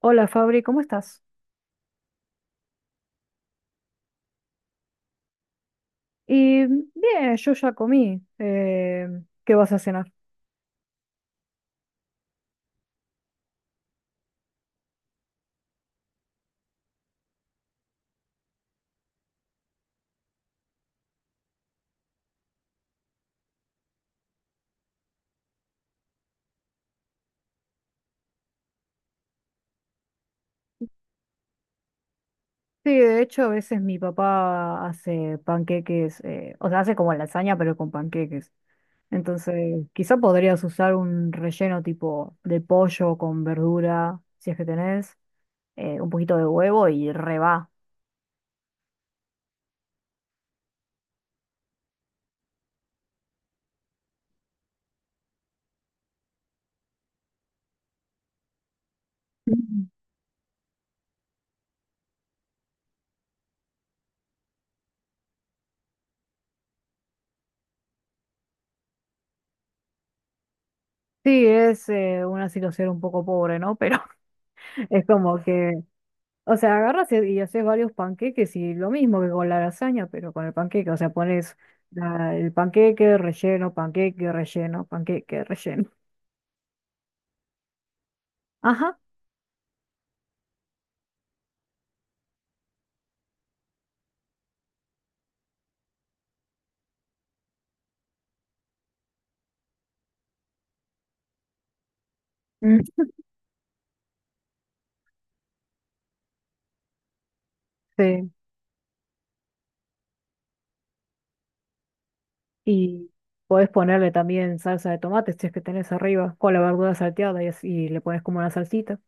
Hola Fabri, ¿cómo estás? Y bien, yo ya comí. ¿Qué vas a cenar? Sí, de hecho a veces mi papá hace panqueques, o sea, hace como lasaña pero con panqueques. Entonces, quizá podrías usar un relleno tipo de pollo con verdura, si es que tenés, un poquito de huevo y reba. Sí, es, una situación un poco pobre, ¿no? Pero es como que. O sea, agarras y haces varios panqueques y lo mismo que con la lasaña, pero con el panqueque. O sea, pones el panqueque, relleno, panqueque, relleno, panqueque, relleno. Ajá. Mm. Sí. Y podés ponerle también salsa de tomate, si es que tenés arriba, con la verdura salteada y así y le pones como una salsita.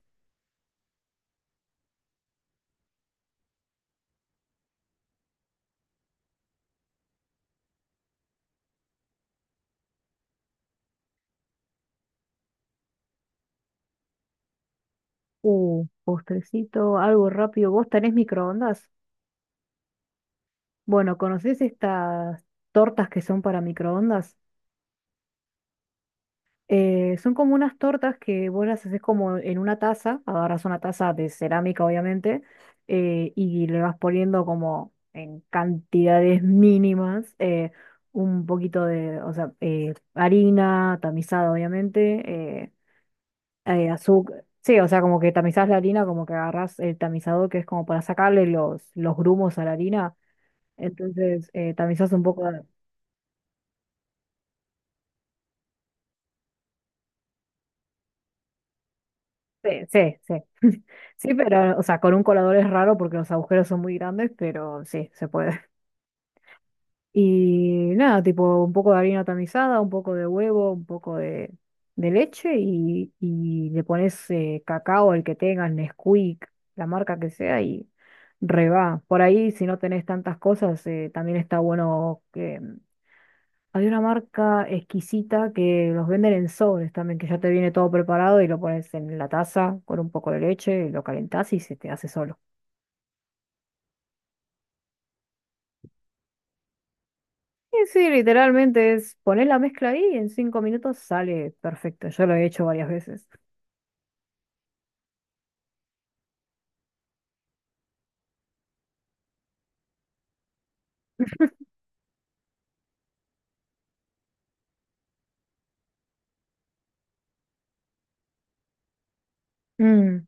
Postrecito, algo rápido. ¿Vos tenés microondas? Bueno, ¿conocés estas tortas que son para microondas? Son como unas tortas que vos las haces como en una taza, agarras una taza de cerámica, obviamente, y le vas poniendo como en cantidades mínimas, un poquito de, o sea, harina tamizada, obviamente, azúcar, sí, o sea, como que tamizás la harina, como que agarrás el tamizador, que es como para sacarle los grumos a la harina, entonces tamizás un poco. Sí, sí, sí. Sí, pero, o sea, con un colador es raro porque los agujeros son muy grandes, pero sí, se puede. Y nada, tipo un poco de harina tamizada, un poco de huevo, un poco de leche y le pones, cacao, el que tengas, Nesquik, la marca que sea, y reba. Por ahí, si no tenés tantas cosas, también está bueno. Había una marca exquisita que los venden en sobres también, que ya te viene todo preparado y lo pones en la taza con un poco de leche, y lo calentás y se te hace solo. Y sí, literalmente es poner la mezcla ahí y en 5 minutos sale perfecto. Yo lo he hecho varias veces. Mm.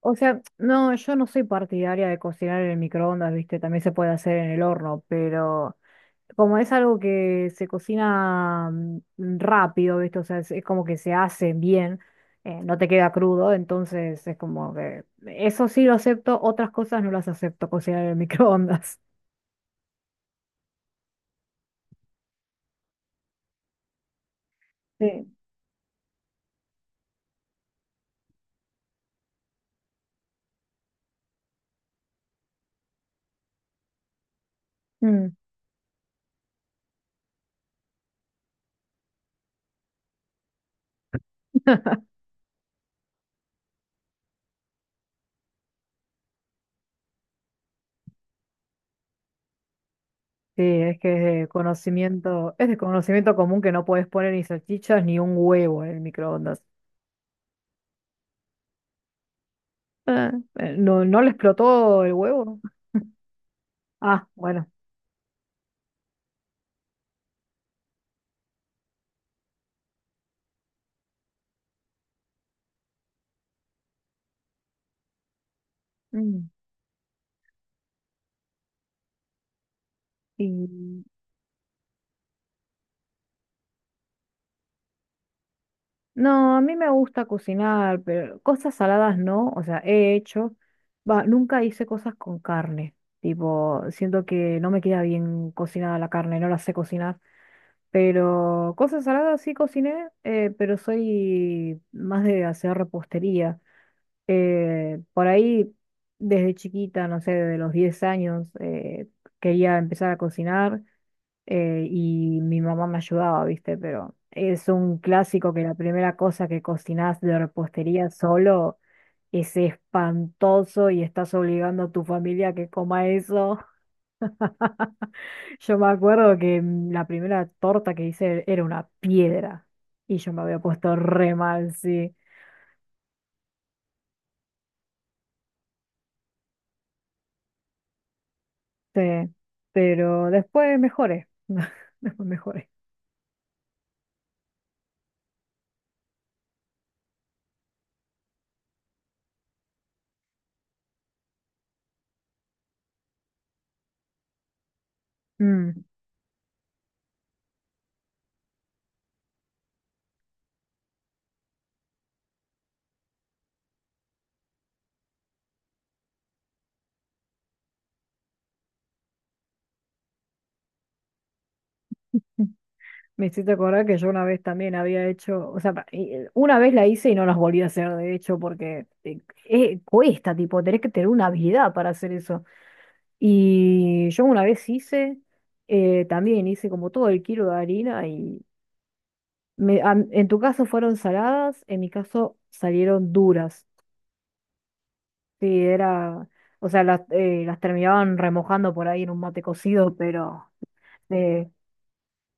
O sea, no, yo no soy partidaria de cocinar en el microondas, ¿viste? También se puede hacer en el horno, pero como es algo que se cocina, rápido, ¿viste? O sea, es como que se hace bien, no te queda crudo, entonces es como que eso sí lo acepto, otras cosas no las acepto cocinar en el microondas. Sí. Mm. Sí, es que es de conocimiento común que no puedes poner ni salchichas ni un huevo en el microondas. Ah, ¿no, no le explotó el huevo? Ah, bueno. Mm. Y no, a mí me gusta cocinar, pero cosas saladas no, o sea, he hecho, va, nunca hice cosas con carne, tipo, siento que no me queda bien cocinada la carne, no la sé cocinar, pero cosas saladas sí cociné, pero soy más de hacer repostería. Por ahí, desde chiquita, no sé, de los 10 años, quería empezar a cocinar. Y mi mamá me ayudaba, ¿viste? Pero es un clásico que la primera cosa que cocinás de repostería solo es espantoso y estás obligando a tu familia a que coma eso. Yo me acuerdo que, la primera torta que hice era una piedra y yo me había puesto re mal, sí, sí, pero después mejoré, después mejoré. Mm. Me hiciste acordar que yo una vez también había hecho, o sea, una vez la hice y no las volví a hacer, de hecho, porque cuesta, tipo, tenés que tener una habilidad para hacer eso. Y yo una vez hice, también hice como todo el kilo de harina y, en tu caso fueron saladas, en mi caso salieron duras. Sí, era, o sea, las terminaban remojando por ahí en un mate cocido, pero, eh,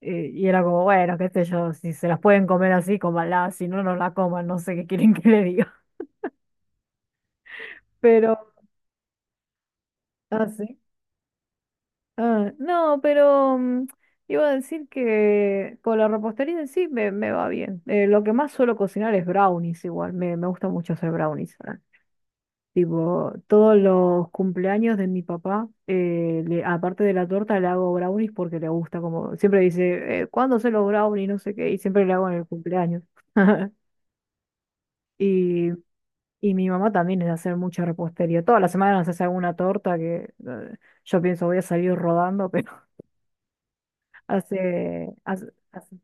Y era como, bueno, qué sé yo, si se las pueden comer así, cómanlas, si no, no la coman, no sé qué quieren que le diga. Pero, ah, sí. Ah, no, pero, iba a decir que con la repostería en sí, me va bien. Lo que más suelo cocinar es brownies, igual me gusta mucho hacer brownies. Ah, tipo, todos los cumpleaños de mi papá, aparte de la torta, le hago brownies porque le gusta, como siempre dice, ¿cuándo se los brownies? No sé qué, y siempre le hago en el cumpleaños. Y Y mi mamá también es de hacer mucha repostería. Toda la semana nos hace alguna torta que, yo pienso, voy a salir rodando, pero hace, hace- hace-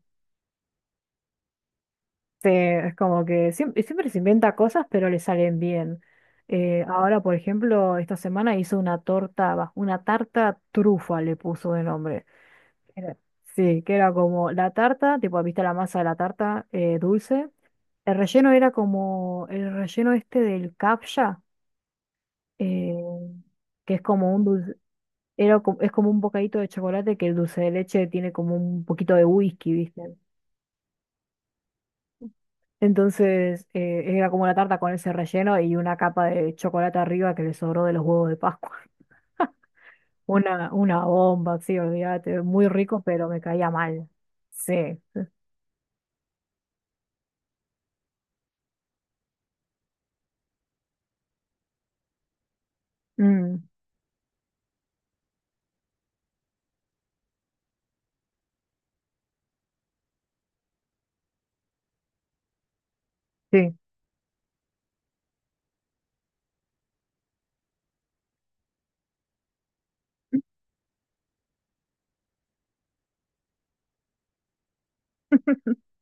es como que siempre se inventa cosas, pero le salen bien. Ahora, por ejemplo, esta semana hizo una torta, va, una tarta trufa le puso de nombre. Era- Sí, que era como la tarta, tipo, viste la masa de la tarta, dulce. El relleno era como el relleno este del capcha, eh, que es como un dulce. Es como un bocadito de chocolate que el dulce de leche tiene como un poquito de whisky, ¿viste? Entonces, era como una tarta con ese relleno y una capa de chocolate arriba que le sobró de los huevos de Pascua. Una bomba, sí, olvídate, muy rico, pero me caía mal. Sí, sí. Mm, sí.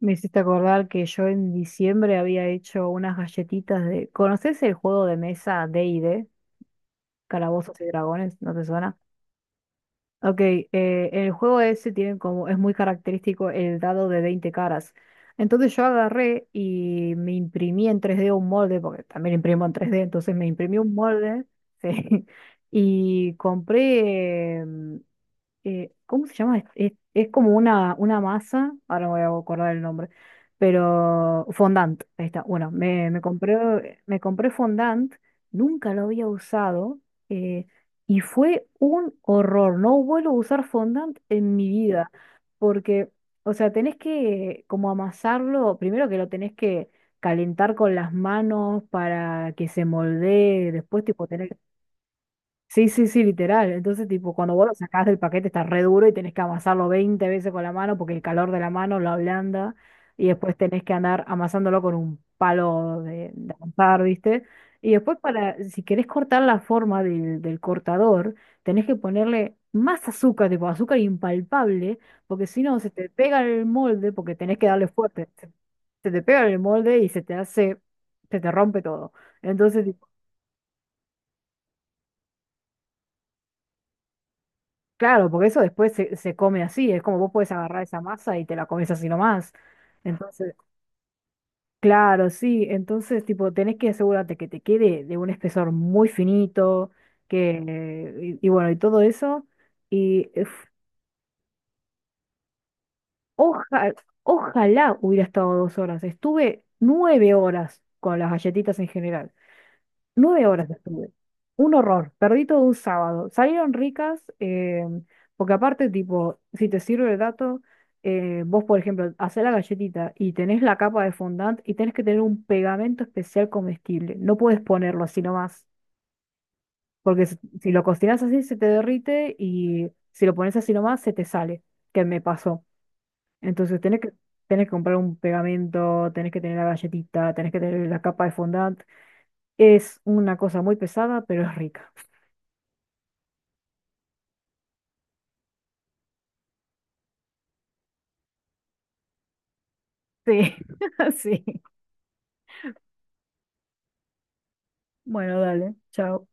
Me hiciste acordar que yo en diciembre había hecho unas galletitas de, ¿conoces el juego de mesa D&D, Calabozos y Dragones? ¿No te suena? Ok, el juego ese tiene como, es muy característico el dado de 20 caras. Entonces yo agarré y me imprimí en 3D un molde, porque también imprimo en 3D, entonces me imprimí un molde, sí, y compré, ¿cómo se llama? Es como una masa, ahora me voy a acordar el nombre, pero fondant, ahí está. Bueno, me compré fondant, nunca lo había usado, eh, y fue un horror. No vuelvo a usar fondant en mi vida, porque, o sea, tenés que como amasarlo, primero que lo tenés que calentar con las manos para que se moldee, después tipo tener. Sí, sí, sí, literal. Entonces, tipo, cuando vos lo sacás del paquete está re duro y tenés que amasarlo 20 veces con la mano porque el calor de la mano lo ablanda y después tenés que andar amasándolo con un palo de amasar, ¿viste? Y después para, si querés cortar la forma del cortador, tenés que ponerle más azúcar, tipo azúcar impalpable, porque si no se te pega el molde porque tenés que darle fuerte. Se te pega el molde y se te rompe todo. Entonces, claro, porque eso después se come así, es como vos puedes agarrar esa masa y te la comes así nomás. Entonces, claro, sí, entonces tipo tenés que asegurarte que te quede de un espesor muy finito, que, y bueno, y todo eso. Y eh, oja- Ojalá hubiera estado 2 horas. Estuve nueve horas con las galletitas en general. Nueve horas estuve. Un horror. Perdí todo un sábado. Salieron ricas, porque aparte, tipo, si te sirve el dato, vos, por ejemplo, hacés la galletita y tenés la capa de fondant y tenés que tener un pegamento especial comestible. No puedes ponerlo así nomás, porque si lo cocinás así se te derrite, y si lo pones así nomás se te sale, que me pasó. Entonces tenés que comprar un pegamento, tenés que tener la galletita, tenés que tener la capa de fondant. Es una cosa muy pesada, pero es rica. Sí, sí. Bueno, dale, chao.